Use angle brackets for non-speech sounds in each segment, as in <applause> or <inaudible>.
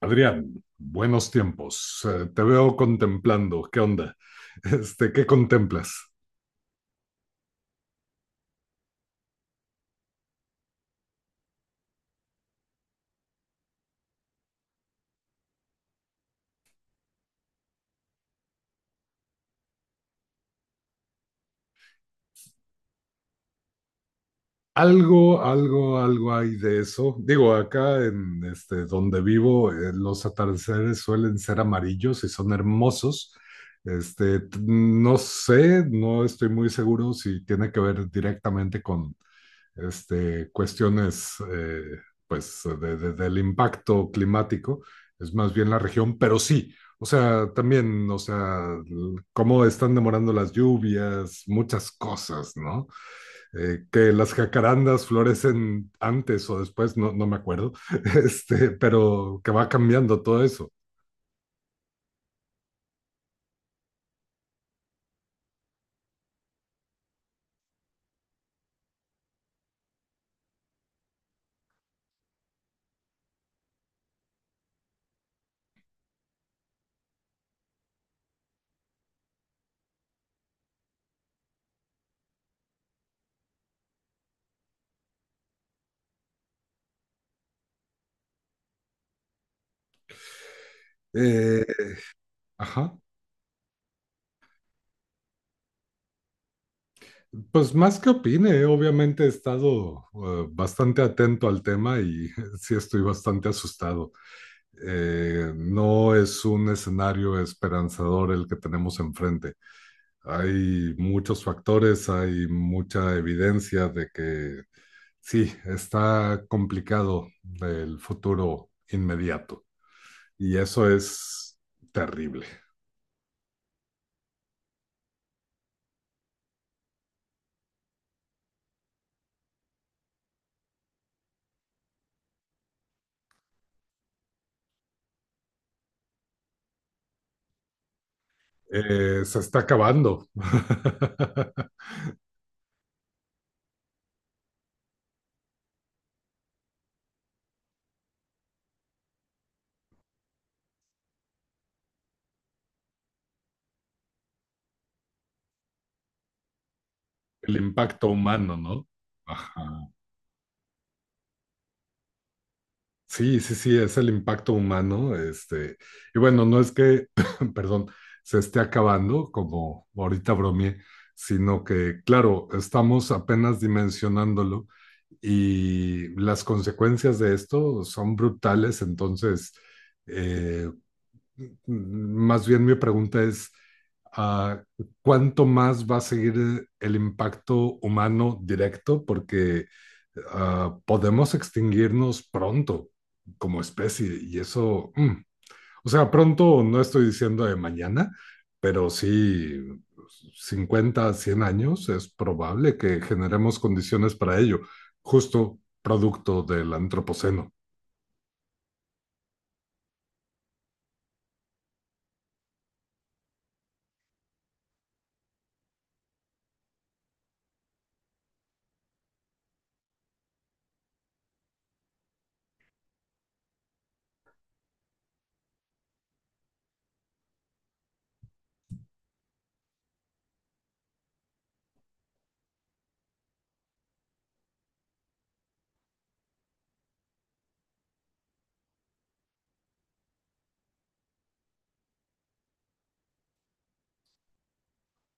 Adrián, buenos tiempos. Te veo contemplando. ¿Qué onda? <laughs> ¿Qué contemplas? Algo, algo, algo hay de eso. Digo, acá en donde vivo, los atardeceres suelen ser amarillos y son hermosos. No sé, no estoy muy seguro si tiene que ver directamente con cuestiones pues del impacto climático, es más bien la región, pero sí, o sea, también, o sea, cómo están demorando las lluvias, muchas cosas, ¿no? Que las jacarandas florecen antes o después, no, no me acuerdo, <laughs> pero que va cambiando todo eso. Eh, ajá. Pues más que opine, obviamente he estado bastante atento al tema y <laughs> sí estoy bastante asustado. No es un escenario esperanzador el que tenemos enfrente. Hay muchos factores, hay mucha evidencia de que sí, está complicado el futuro inmediato y eso es terrible. Se está acabando. <laughs> El impacto humano, ¿no? Ajá. Sí, sí, sí, es el impacto humano. Y bueno, no es que, <laughs> perdón, se esté acabando, como ahorita bromeé, sino que, claro, estamos apenas dimensionándolo y las consecuencias de esto son brutales. Entonces, eh, más bien mi pregunta es, ah, ¿cuánto más va a seguir el impacto humano directo? Porque podemos extinguirnos pronto como especie. Y eso, o sea, pronto no estoy diciendo de mañana, pero sí 50, 100 años es probable que generemos condiciones para ello, justo producto del antropoceno,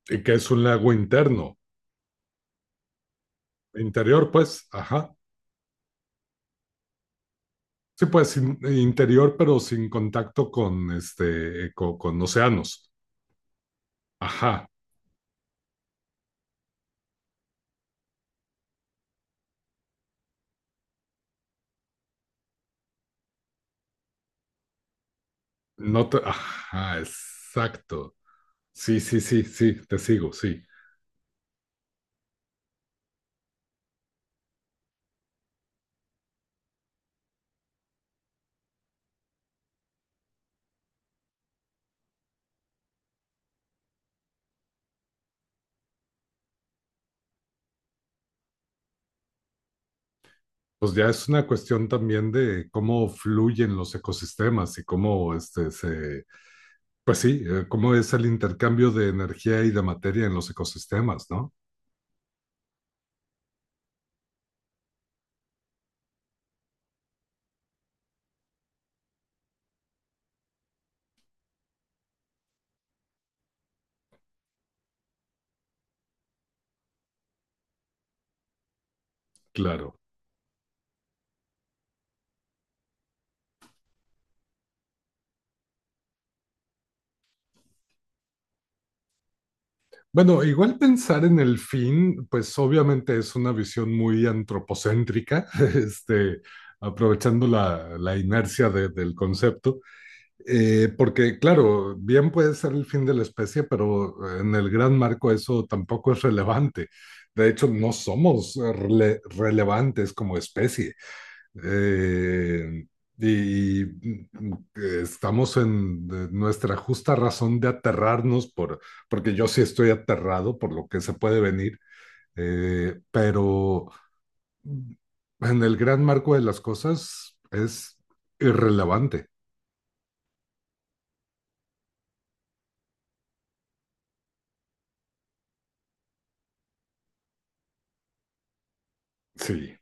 y que es un lago interno, interior, pues, ajá. Sí, pues interior, pero sin contacto con océanos. Ajá, no, ajá, exacto. Sí, sí, sí, sí, te sigo, sí. Pues ya es una cuestión también de cómo fluyen los ecosistemas y cómo este se Pues sí, cómo es el intercambio de energía y de materia en los ecosistemas, ¿no? Claro. Bueno, igual pensar en el fin, pues obviamente es una visión muy antropocéntrica. <laughs> este, Aprovechando la inercia del concepto, porque claro, bien puede ser el fin de la especie, pero en el gran marco eso tampoco es relevante. De hecho, no somos relevantes como especie. Eh, y estamos en nuestra justa razón de aterrarnos porque yo sí estoy aterrado por lo que se puede venir, pero mm, en el gran marco de las cosas es irrelevante. Sí,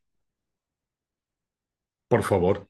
por favor.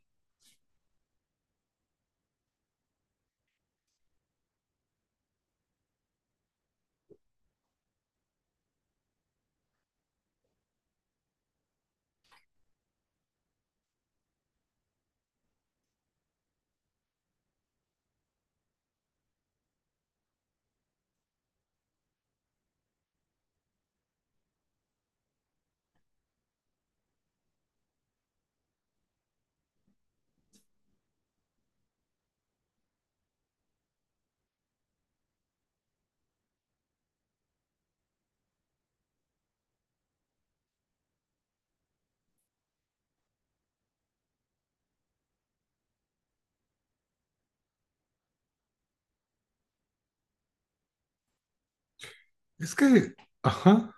Es que, ajá.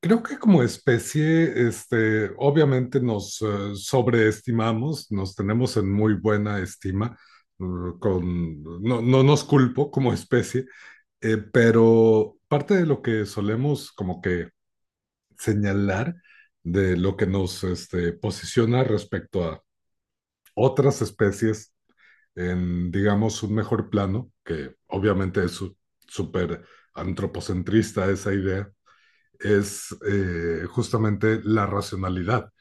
Creo que como especie, obviamente nos sobreestimamos, nos tenemos en muy buena estima. Eh, con, no, no nos culpo como especie. Pero parte de lo que solemos como que señalar de lo que nos posiciona respecto a otras especies en, digamos, un mejor plano, que obviamente es súper antropocentrista esa idea es justamente la racionalidad.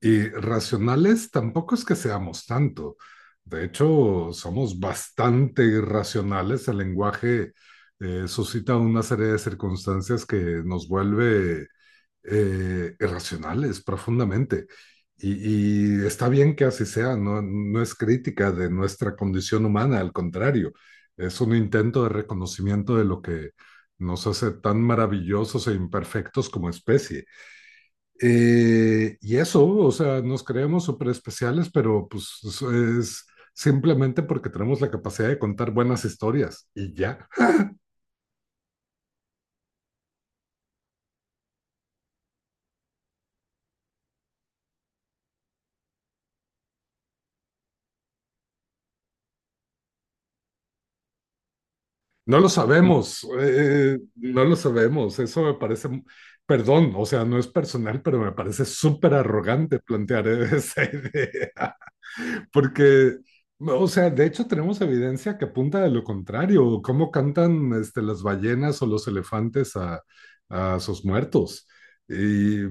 Y racionales tampoco es que seamos tanto. De hecho, somos bastante irracionales. El lenguaje suscita una serie de circunstancias que nos vuelve irracionales profundamente. Y está bien que así sea, no, no es crítica de nuestra condición humana, al contrario, es un intento de reconocimiento de lo que nos hace tan maravillosos e imperfectos como especie. Y eso, o sea, nos creemos súper especiales, pero pues es simplemente porque tenemos la capacidad de contar buenas historias y ya. No lo sabemos, no lo sabemos. Eso me parece, perdón, o sea, no es personal, pero me parece súper arrogante plantear <laughs> esa idea, porque, o sea, de hecho tenemos evidencia que apunta a lo contrario, cómo cantan las ballenas o los elefantes a sus muertos. Y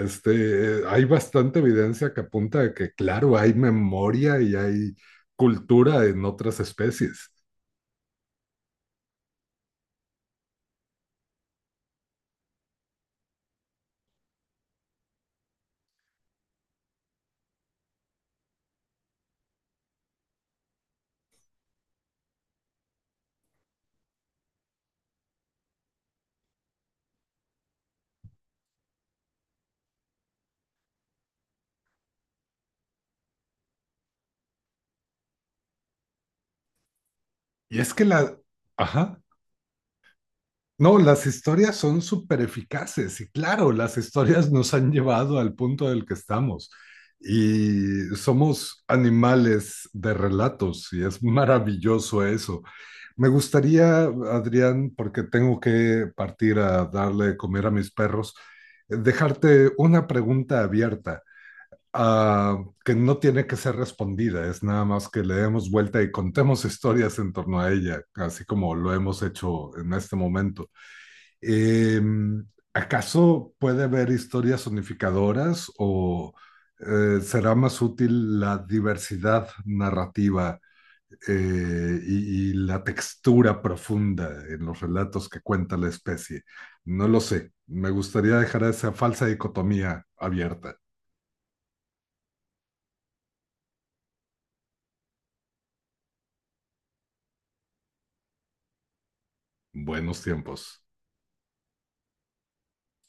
este, hay bastante evidencia que apunta a que, claro, hay memoria y hay cultura en otras especies. Y es que la. Ajá. No, las historias son súper eficaces y claro, las historias nos han llevado al punto del que estamos y somos animales de relatos y es maravilloso eso. Me gustaría, Adrián, porque tengo que partir a darle de comer a mis perros, dejarte una pregunta abierta, ah, que no tiene que ser respondida, es nada más que le demos vuelta y contemos historias en torno a ella, así como lo hemos hecho en este momento. Eh, ¿Acaso puede haber historias unificadoras o será más útil la diversidad narrativa y la textura profunda en los relatos que cuenta la especie? No lo sé. Me gustaría dejar esa falsa dicotomía abierta. Buenos tiempos.